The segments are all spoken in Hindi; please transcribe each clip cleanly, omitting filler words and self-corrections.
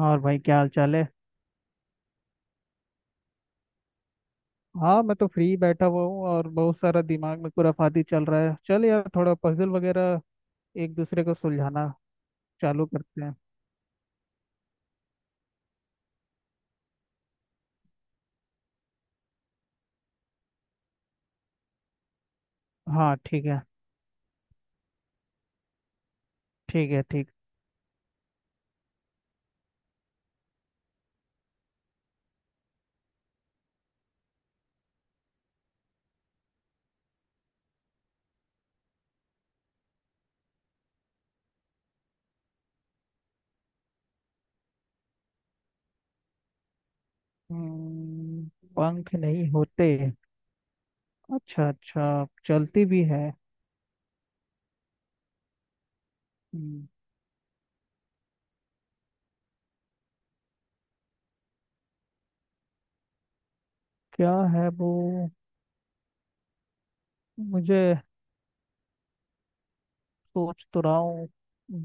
और भाई, क्या हाल चाल है? हाँ, मैं तो फ्री बैठा हुआ हूँ और बहुत सारा दिमाग में खुराफाती चल रहा है। चल यार, थोड़ा पजल वगैरह एक दूसरे को सुलझाना चालू करते हैं। हाँ, ठीक है, ठीक है, ठीक। हम्म, पंख नहीं होते। अच्छा, अच्छा, चलती भी है? हम्म, क्या है वो मुझे। सोच तो रहा हूँ,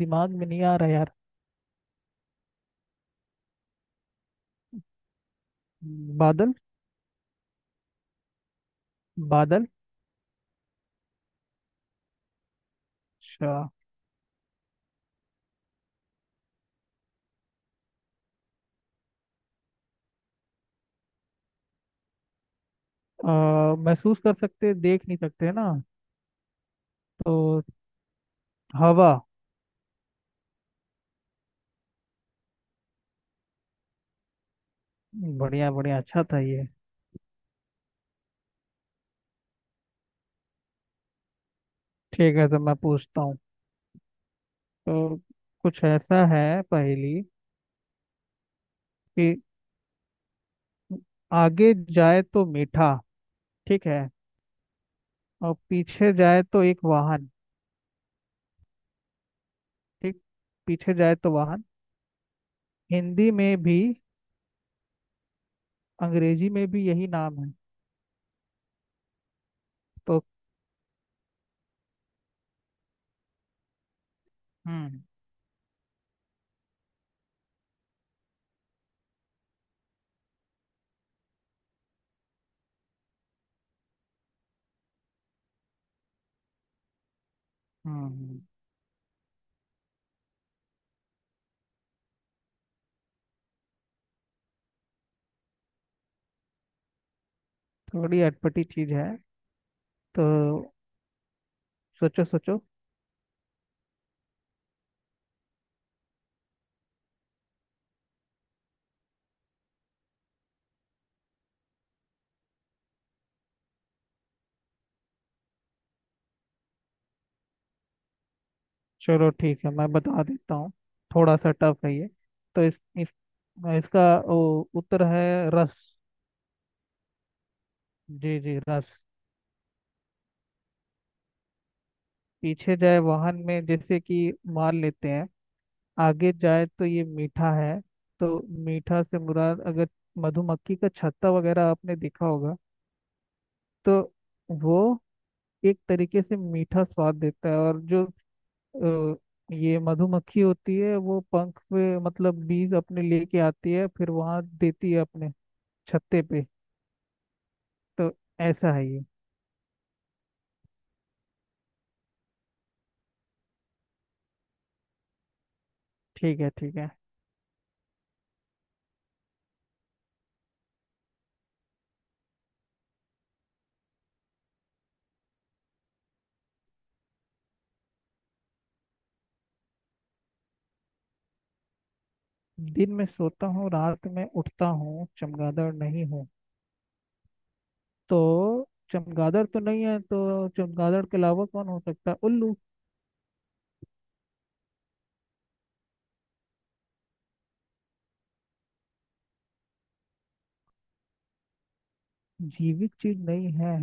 दिमाग में नहीं आ रहा यार। बादल। बादल। अच्छा। महसूस कर सकते, देख नहीं सकते ना? तो हवा। बढ़िया, बढ़िया, अच्छा था ये। ठीक है, तो मैं पूछता हूँ। तो कुछ ऐसा है पहेली कि आगे जाए तो मीठा। ठीक है, और पीछे जाए तो एक वाहन। ठीक, पीछे जाए तो वाहन। हिंदी में भी अंग्रेजी में भी यही नाम है। तो, हम्म, हम्म। थोड़ी अटपटी चीज है। तो सोचो, सोचो। चलो ठीक है, मैं बता देता हूँ। थोड़ा सा टफ है ये। तो इस इसका उत्तर है रस। जी, जी, रस। पीछे जाए वाहन में जैसे कि मान लेते हैं आगे जाए तो ये मीठा है। तो मीठा से मुराद, अगर मधुमक्खी का छत्ता वगैरह आपने देखा होगा। तो वो एक तरीके से मीठा स्वाद देता है, और जो अ, ये मधुमक्खी होती है, वो पंख पे मतलब बीज अपने लेके आती है, फिर वहां देती है अपने छत्ते पे। तो ऐसा है ये। ठीक है, ठीक है। दिन में सोता हूँ, रात में उठता हूँ, चमगादड़ नहीं हूँ। तो चमगादड़ तो नहीं है, तो चमगादड़ के अलावा कौन हो सकता है? उल्लू? जीवित चीज नहीं है?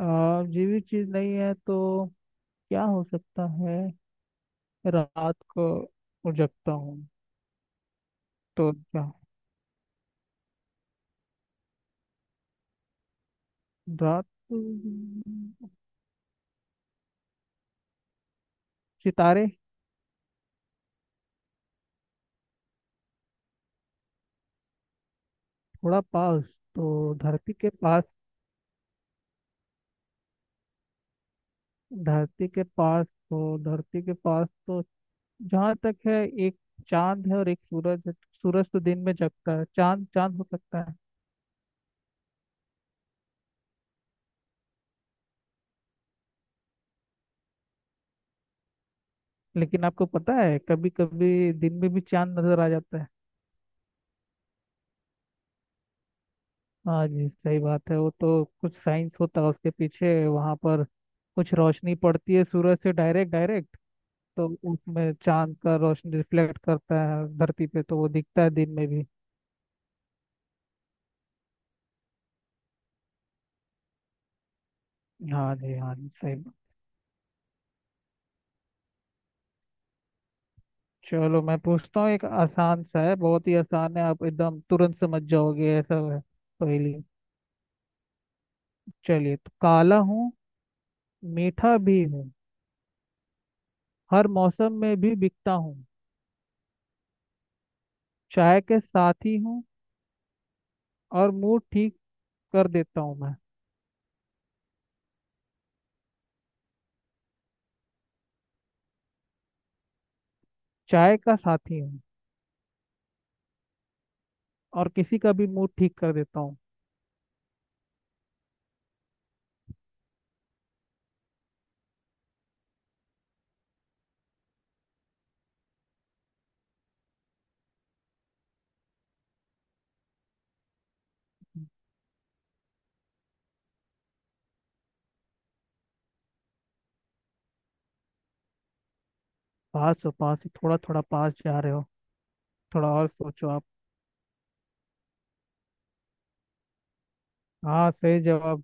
जीवित चीज नहीं है तो क्या हो सकता है? रात को उजगता हूँ। तो क्या रात को- सितारे? थोड़ा पास, तो धरती के पास। धरती के पास, तो धरती के पास, तो जहाँ तक है, एक चांद है और एक सूरज है। सूरज तो दिन में जगता है, चांद, चांद हो सकता है। लेकिन आपको पता है, कभी कभी दिन में भी चांद नजर आ जाता है। हाँ जी, सही बात है, वो तो कुछ साइंस होता है उसके पीछे वहां पर। कुछ रोशनी पड़ती है सूरज से, डायरेक्ट डायरेक्ट। तो उसमें चांद का रोशनी रिफ्लेक्ट करता है धरती पे, तो वो दिखता है दिन में भी। हाँ जी, हाँ जी, सही बात। चलो मैं पूछता हूँ, एक आसान सा है, बहुत ही आसान है, आप एकदम तुरंत समझ जाओगे, ऐसा है पहेली। चलिए, तो काला हूँ, मीठा भी हूँ, हर मौसम में भी बिकता हूँ, चाय के साथी हूँ, और मूड ठीक कर देता हूँ मैं। चाय का साथी हूँ, और किसी का भी मूड ठीक कर देता हूँ। पास हो, पास ही, थोड़ा थोड़ा पास जा रहे हो। थोड़ा और सोचो आप। हाँ, सही जवाब।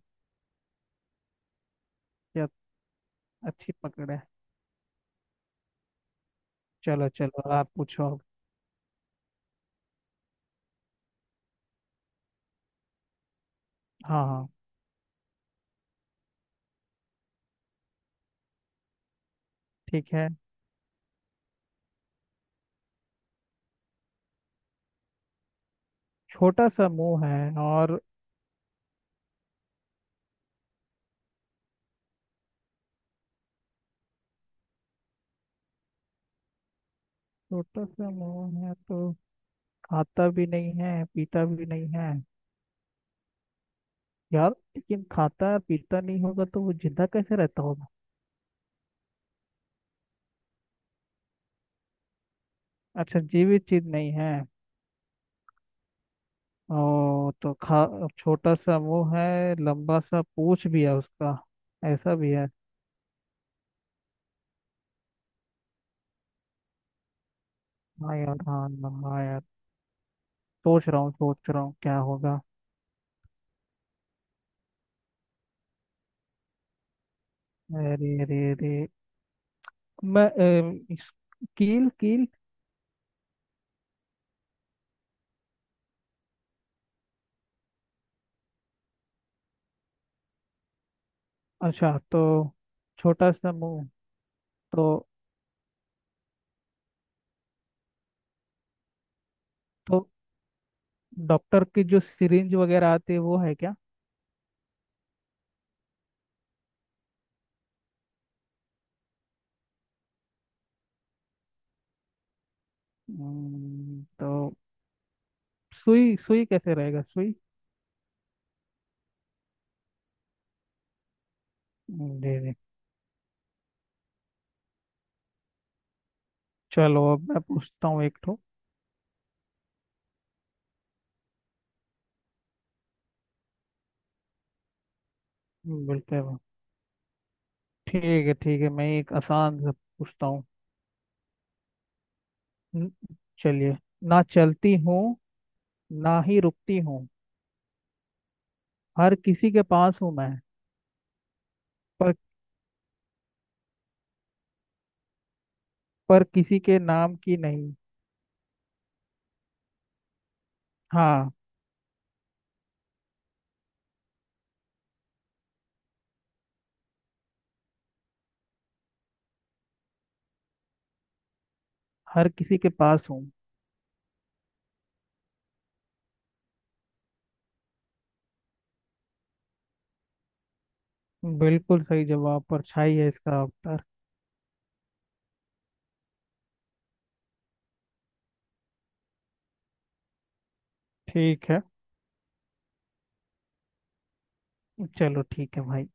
क्या? अच्छी पकड़ है। चलो, चलो आप पूछो अब। हाँ, हाँ। ठीक है। छोटा सा मुंह है, और छोटा सा मुंह है, तो खाता भी नहीं है, पीता भी नहीं है यार। लेकिन खाता पीता नहीं होगा तो वो जिंदा कैसे रहता होगा? अच्छा, जीवित चीज नहीं है। ओ, तो खा, छोटा सा वो है, लंबा सा पूंछ भी है उसका, ऐसा भी है? हाँ यार, हाँ, हाँ, हाँ यार। सोच रहा हूँ, सोच रहा हूँ क्या होगा। अरे, अरे, अरे। मैं कील, कील। अच्छा, तो छोटा सा मुंह, तो तो डॉक्टर की जो सिरिंज वगैरह आती है, वो है क्या? तो सुई, सुई कैसे रहेगा? सुई? अरे, अरे। चलो, अब मैं पूछता हूँ एक ठो। बिल्कुल। ठीक है, ठीक है, मैं एक आसान सा पूछता हूँ। न- चलिए, ना चलती हूँ, ना ही रुकती हूँ, हर किसी के पास हूँ मैं। पर पर किसी के नाम की नहीं। हाँ। हर किसी के पास हूँ। बिल्कुल सही जवाब, परछाई है इसका उत्तर। ठीक है। चलो ठीक है भाई।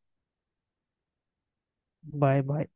Bye, bye.